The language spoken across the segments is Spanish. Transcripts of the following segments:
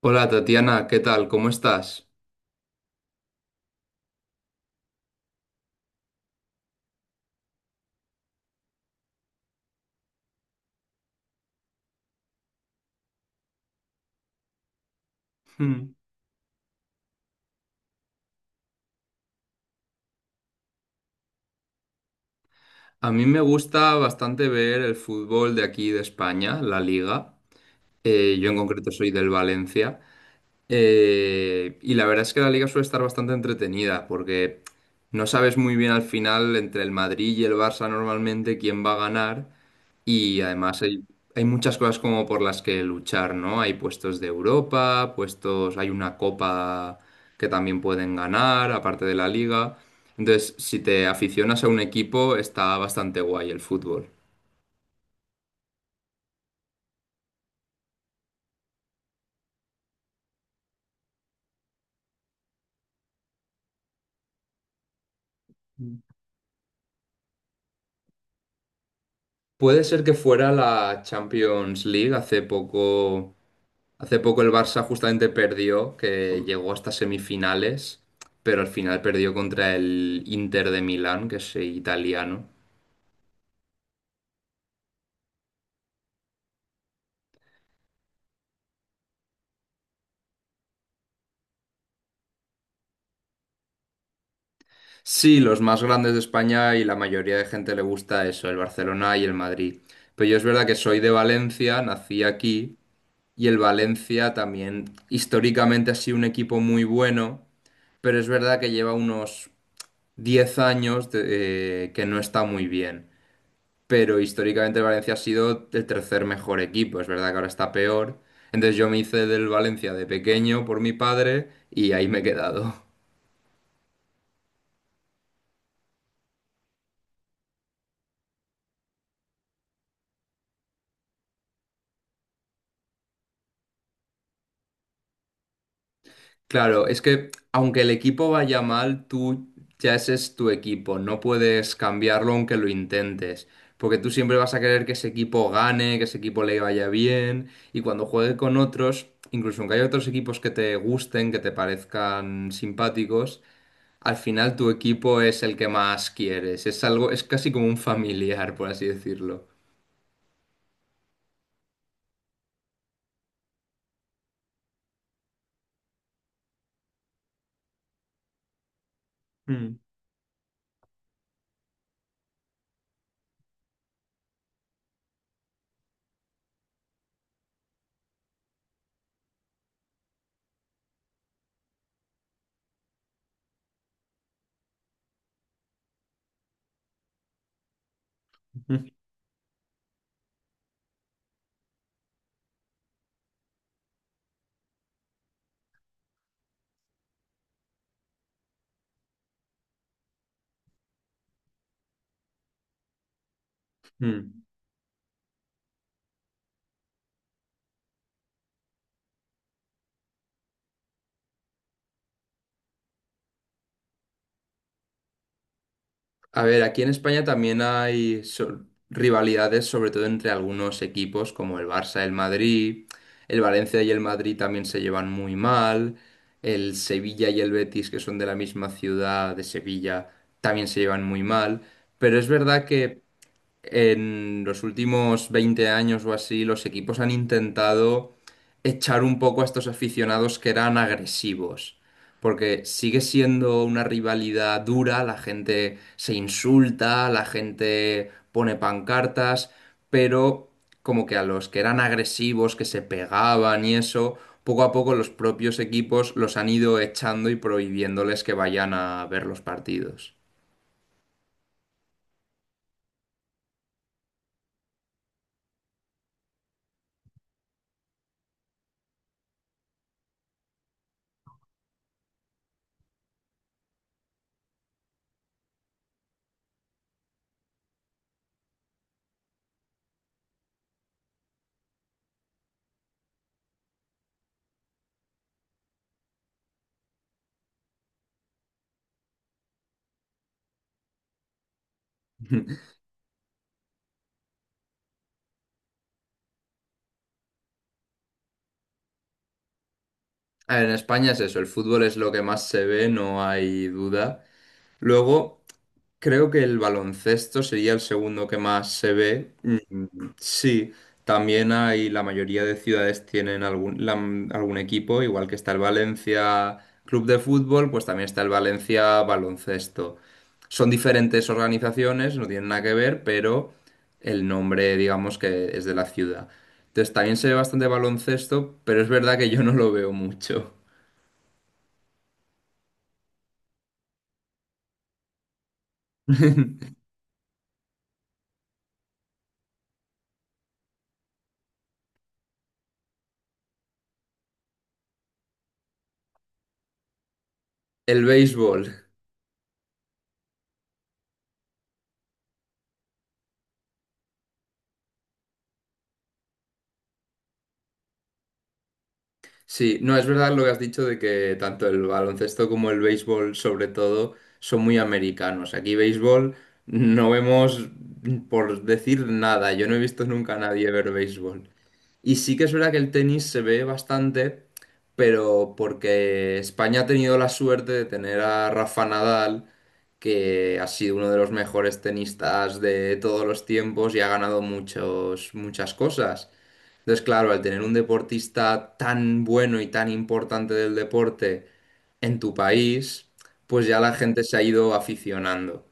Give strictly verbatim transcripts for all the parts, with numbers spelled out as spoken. Hola Tatiana, ¿qué tal? ¿Cómo estás? Hmm. A mí me gusta bastante ver el fútbol de aquí de España, la Liga. Eh, yo en concreto soy del Valencia. Eh, y la verdad es que la Liga suele estar bastante entretenida porque no sabes muy bien al final entre el Madrid y el Barça normalmente quién va a ganar. Y además hay, hay muchas cosas como por las que luchar, ¿no? Hay puestos de Europa, puestos, hay una copa que también pueden ganar, aparte de la liga. Entonces, si te aficionas a un equipo, está bastante guay el fútbol. Puede ser que fuera la Champions League hace poco. Hace poco el Barça justamente perdió, que llegó hasta semifinales, pero al final perdió contra el Inter de Milán, que es eh, italiano. Sí, los más grandes de España y la mayoría de gente le gusta eso, el Barcelona y el Madrid. Pero yo es verdad que soy de Valencia, nací aquí y el Valencia también históricamente ha sido un equipo muy bueno, pero es verdad que lleva unos diez años de- eh, que no está muy bien. Pero históricamente el Valencia ha sido el tercer mejor equipo, es verdad que ahora está peor. Entonces yo me hice del Valencia de pequeño por mi padre y ahí me he quedado. Claro, es que aunque el equipo vaya mal, tú ya ese es tu equipo, no puedes cambiarlo aunque lo intentes, porque tú siempre vas a querer que ese equipo gane, que ese equipo le vaya bien, y cuando juegue con otros, incluso aunque haya otros equipos que te gusten, que te parezcan simpáticos, al final tu equipo es el que más quieres, es algo, es casi como un familiar, por así decirlo. Mm. Mm, mm. A ver, aquí en España también hay so- rivalidades, sobre todo entre algunos equipos como el Barça, el Madrid, el Valencia y el Madrid también se llevan muy mal, el Sevilla y el Betis, que son de la misma ciudad de Sevilla, también se llevan muy mal, pero es verdad, Sí. que en los últimos veinte años o así, los equipos han intentado echar un poco a estos aficionados que eran agresivos. Porque sigue siendo una rivalidad dura, la gente se insulta, la gente pone pancartas, pero como que a los que eran agresivos, que se pegaban y eso, poco a poco los propios equipos los han ido echando y prohibiéndoles que vayan a ver los partidos. A ver, en España es eso, el fútbol es lo que más se ve, no hay duda. Luego, creo que el baloncesto sería el segundo que más se ve. Sí, también hay, la mayoría de ciudades tienen algún, la- algún equipo, igual que está el Valencia Club de Fútbol, pues también está el Valencia Baloncesto. Son diferentes organizaciones, no tienen nada que ver, pero el nombre, digamos, que es de la ciudad. Entonces, también se ve bastante baloncesto, pero es verdad que yo no lo veo mucho. El béisbol. Sí, no, es verdad lo que has dicho de que tanto el baloncesto como el béisbol, sobre todo, son muy americanos. Aquí béisbol no vemos, por decir nada, yo no he visto nunca a nadie ver béisbol. Y sí que es verdad que el tenis se ve bastante, pero porque España ha tenido la suerte de tener a Rafa Nadal, que ha sido uno de los mejores tenistas de todos los tiempos y ha ganado muchos, muchas cosas. Entonces, claro, al tener un deportista tan bueno y tan importante del deporte en tu país, pues ya la gente se ha ido aficionando.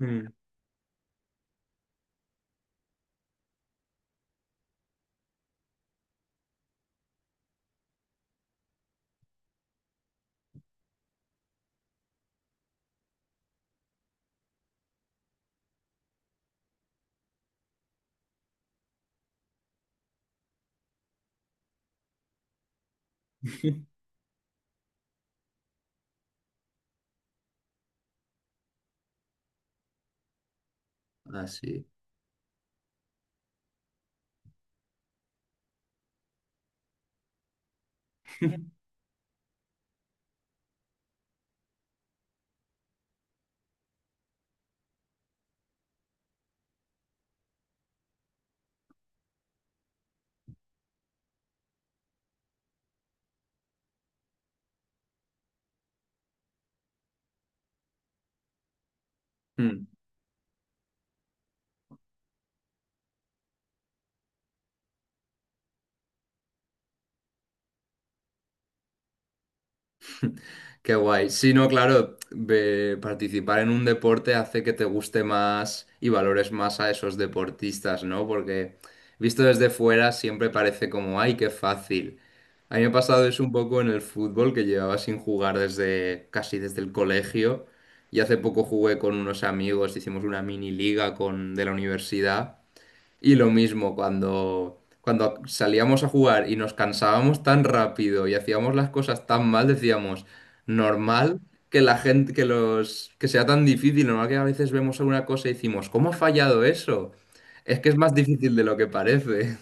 Mm. Así. Mm. Qué guay. Sí, no, claro, ve- participar en un deporte hace que te guste más y valores más a esos deportistas, ¿no? Porque visto desde fuera siempre parece como, ay, qué fácil. A mí me ha pasado eso un poco en el fútbol, que llevaba sin jugar desde casi desde el colegio. Y hace poco jugué con unos amigos, hicimos una mini liga con, de la universidad. Y lo mismo cuando, cuando salíamos a jugar y nos cansábamos tan rápido y hacíamos las cosas tan mal, decíamos, normal que la gente, que los, que sea tan difícil, normal que a veces vemos alguna cosa y decimos, ¿cómo ha fallado eso? Es que es más difícil de lo que parece.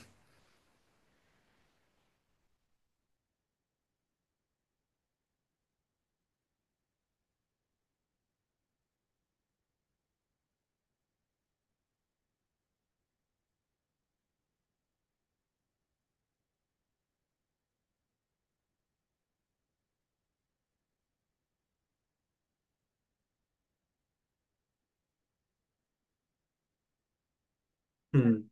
Mm.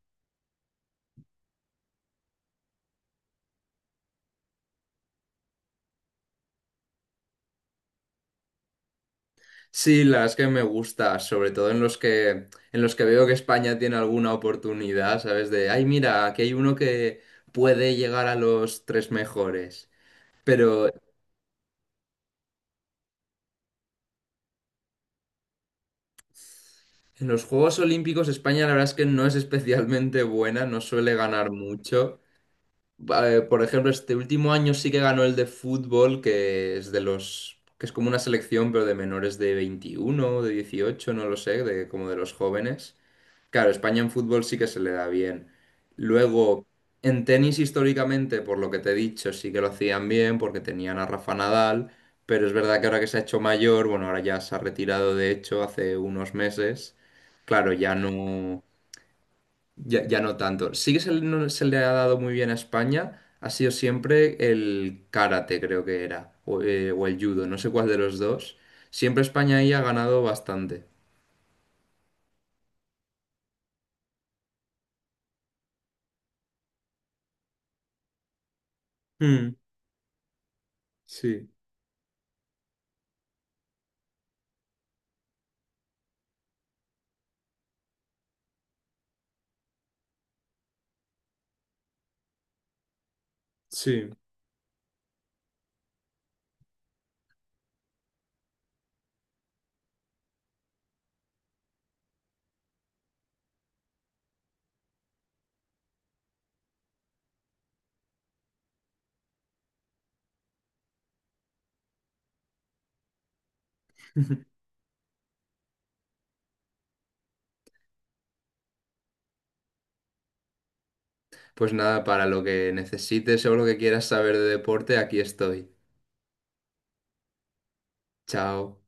Sí, la verdad es que me gusta, sobre todo en los que, en los que veo que España tiene alguna oportunidad, ¿sabes? De, ay, mira, aquí hay uno que puede llegar a los tres mejores. Pero en los Juegos Olímpicos España la verdad es que no es especialmente buena, no suele ganar mucho. Eh, por ejemplo, este último año sí que ganó el de fútbol, que es de los, que es como una selección, pero de menores de veintiuno o de dieciocho no lo sé, de como de los jóvenes. Claro, España en fútbol sí que se le da bien. Luego, en tenis históricamente, por lo que te he dicho, sí que lo hacían bien porque tenían a Rafa Nadal, pero es verdad que ahora que se ha hecho mayor, bueno, ahora ya se ha retirado de hecho hace unos meses, claro, ya no, ya, ya no tanto. Sí que se le, no se le ha dado muy bien a España, ha sido siempre el karate, creo que era, o, eh, o el judo, no sé cuál de los dos. Siempre España ahí ha ganado bastante. Mm, sí, sí. Pues nada, para lo que necesites o lo que quieras saber de deporte, aquí estoy. Chao.